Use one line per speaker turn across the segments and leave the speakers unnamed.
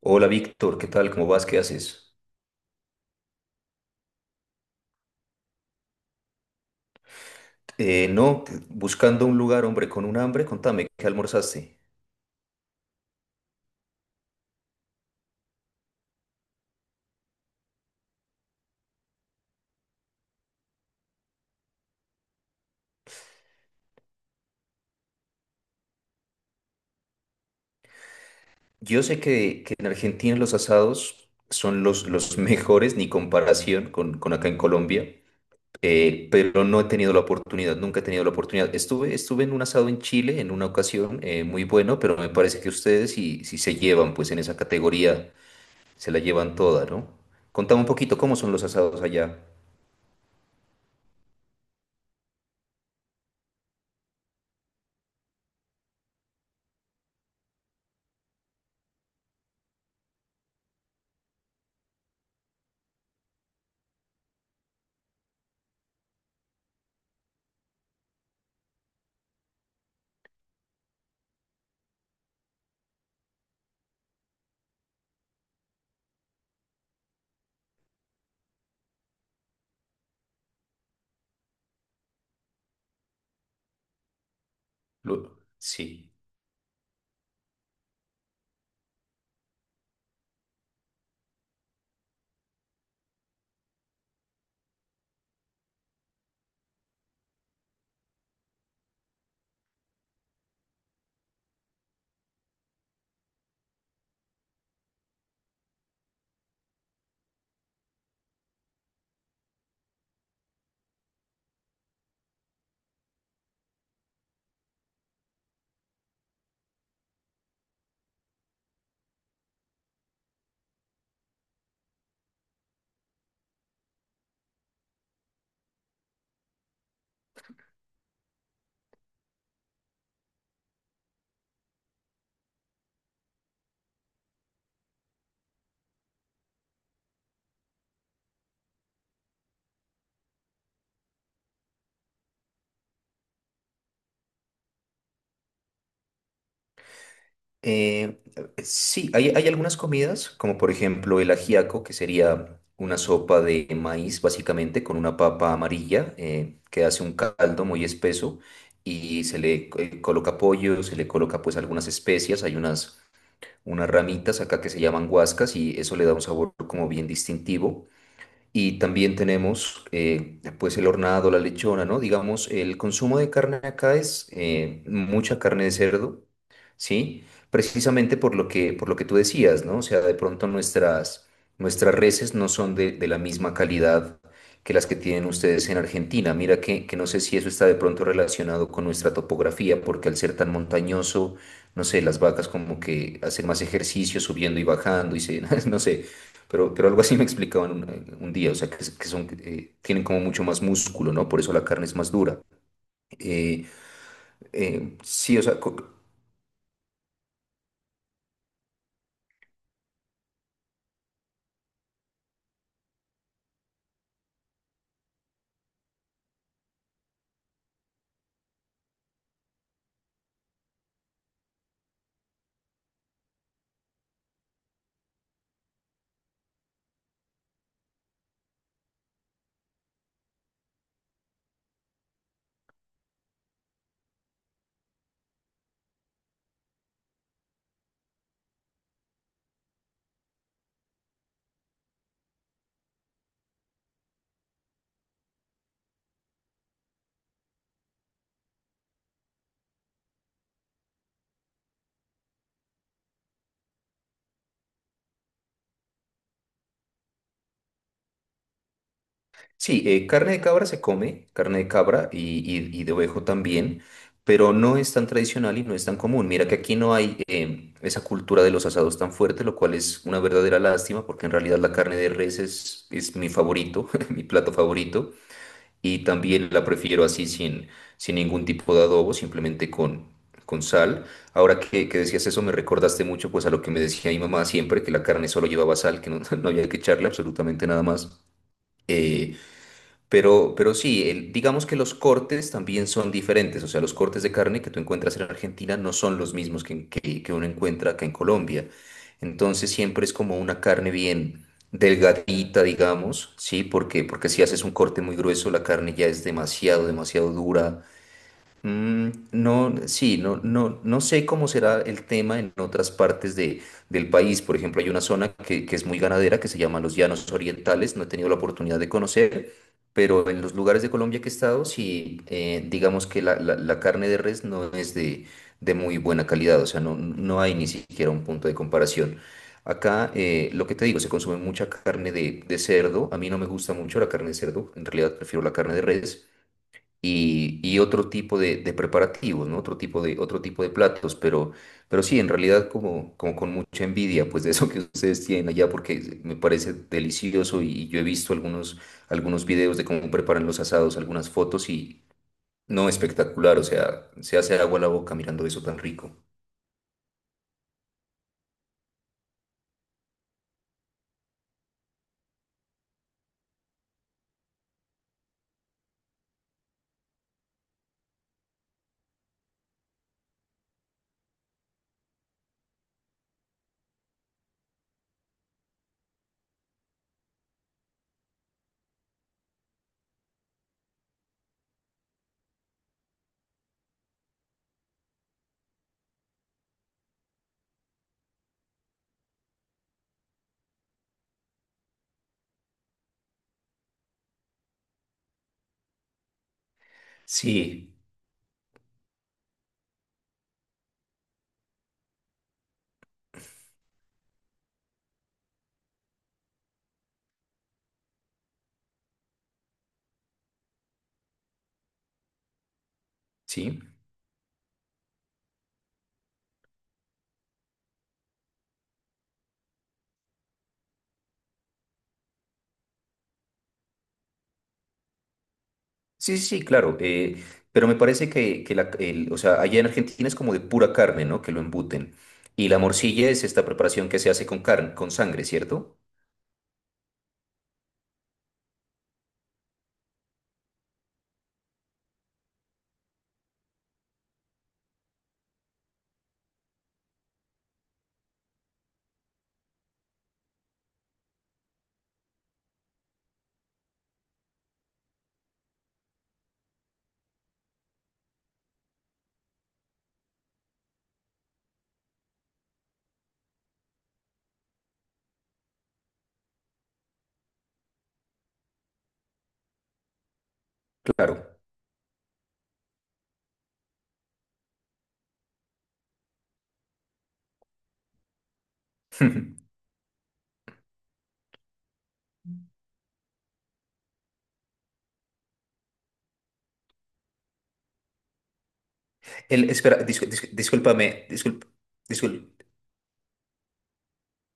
Hola Víctor, ¿qué tal? ¿Cómo vas? ¿Qué haces? No, buscando un lugar, hombre, con un hambre, contame, ¿qué almorzaste? Yo sé que en Argentina los asados son los mejores, ni comparación con acá en Colombia, pero no he tenido la oportunidad, nunca he tenido la oportunidad. Estuve en un asado en Chile en una ocasión, muy bueno, pero me parece que ustedes si, si se llevan, pues en esa categoría se la llevan toda, ¿no? Contame un poquito, ¿cómo son los asados allá? Sí. Eh, sí, hay algunas comidas, como por ejemplo el ajiaco, que sería una sopa de maíz, básicamente, con una papa amarilla, que hace un caldo muy espeso y se le coloca pollo, se le coloca pues algunas especias, hay unas, unas ramitas acá que se llaman guascas y eso le da un sabor como bien distintivo. Y también tenemos, pues el hornado, la lechona, ¿no? Digamos, el consumo de carne acá es, mucha carne de cerdo, ¿sí? Precisamente por lo que tú decías, ¿no? O sea, de pronto nuestras, nuestras reses no son de la misma calidad que las que tienen ustedes en Argentina. Mira que no sé si eso está de pronto relacionado con nuestra topografía, porque al ser tan montañoso, no sé, las vacas como que hacen más ejercicio subiendo y bajando y se, no sé. Pero algo así me explicaban un día, o sea, que, que son, tienen como mucho más músculo, ¿no? Por eso la carne es más dura. Eh, sí, o sea, sí, carne de cabra se come, carne de cabra y, y de ovejo también, pero no es tan tradicional y no es tan común. Mira que aquí no hay, esa cultura de los asados tan fuerte, lo cual es una verdadera lástima, porque en realidad la carne de res es mi favorito, mi plato favorito. Y también la prefiero así sin, sin ningún tipo de adobo, simplemente con sal. Ahora que decías eso, me recordaste mucho pues a lo que me decía mi mamá siempre, que la carne solo llevaba sal, que no, no había que echarle absolutamente nada más. Eh, pero sí, digamos que los cortes también son diferentes, o sea, los cortes de carne que tú encuentras en Argentina no son los mismos que uno encuentra acá en Colombia. Entonces siempre es como una carne bien delgadita, digamos, ¿sí? Porque, porque si haces un corte muy grueso, la carne ya es demasiado, demasiado dura. Mm, no, sí, no, no, no sé cómo será el tema en otras partes de, del país. Por ejemplo, hay una zona que es muy ganadera que se llama los Llanos Orientales. No he tenido la oportunidad de conocer, pero en los lugares de Colombia que he estado, sí, digamos que la, la carne de res no es de muy buena calidad. O sea, no, no hay ni siquiera un punto de comparación. Acá, lo que te digo, se consume mucha carne de cerdo. A mí no me gusta mucho la carne de cerdo. En realidad prefiero la carne de res y otro tipo de preparativos, ¿no? Otro tipo de platos, pero sí, en realidad como, como con mucha envidia, pues de eso que ustedes tienen allá, porque me parece delicioso y yo he visto algunos, algunos videos de cómo preparan los asados, algunas fotos y no, espectacular, o sea, se hace agua a la boca mirando eso tan rico. Sí, sí. Sí, sí, sí, claro. Pero me parece que la, o sea, allá en Argentina es como de pura carne, ¿no? Que lo embuten. Y la morcilla es esta preparación que se hace con carne, con sangre, ¿cierto? Claro. El, espera, discúlpame, discúlpame, discúlp-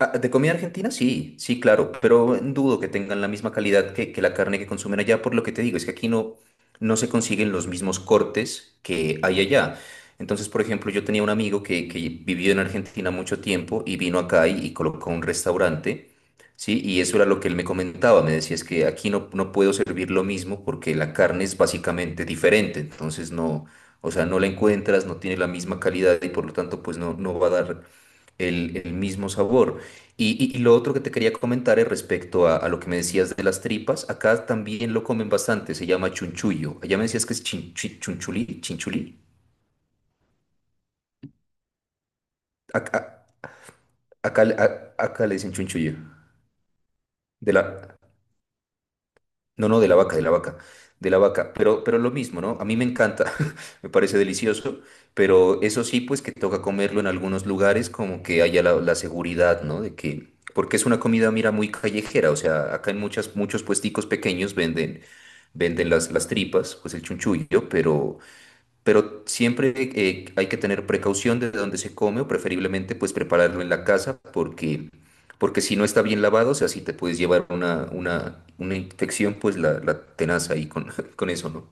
Ah, ¿de comida argentina? Sí, sí, claro, pero dudo que tengan la misma calidad que la carne que consumen allá, por lo que te digo, es que aquí no, no se consiguen los mismos cortes que hay allá. Entonces, por ejemplo, yo tenía un amigo que vivió en Argentina mucho tiempo y vino acá y colocó un restaurante, ¿sí? Y eso era lo que él me comentaba, me decía, es que aquí no, no puedo servir lo mismo porque la carne es básicamente diferente, entonces no, o sea, no la encuentras, no tiene la misma calidad y por lo tanto, pues no, no va a dar el mismo sabor. Y, y lo otro que te quería comentar es respecto a lo que me decías de las tripas, acá también lo comen bastante, se llama chunchullo. Allá me decías que es chunchulí, chinchulí. Acá, acá, acá le dicen chunchullo. De la, no, no, de la vaca, de la vaca, de la vaca, pero lo mismo, ¿no? A mí me encanta, me parece delicioso, pero eso sí, pues que toca comerlo en algunos lugares como que haya la, la seguridad, ¿no? De que, porque es una comida, mira, muy callejera, o sea, acá en muchas, muchos puesticos pequeños venden, venden las tripas, pues el chunchullo, pero siempre, hay que tener precaución de dónde se come o preferiblemente pues prepararlo en la casa porque, porque si no está bien lavado, o sea, si te puedes llevar una infección, pues la tenaz ahí con, con eso, ¿no?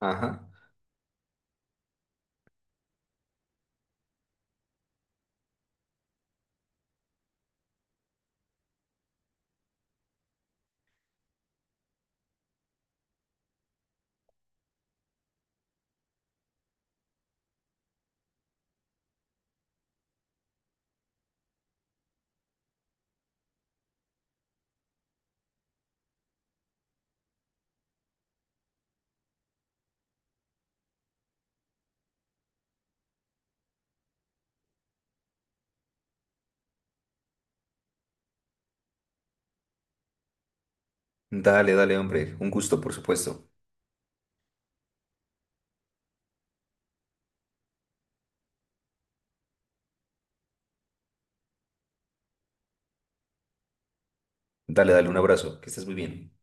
Ajá. Dale, dale, hombre. Un gusto, por supuesto. Dale, dale, un abrazo. Que estés muy bien.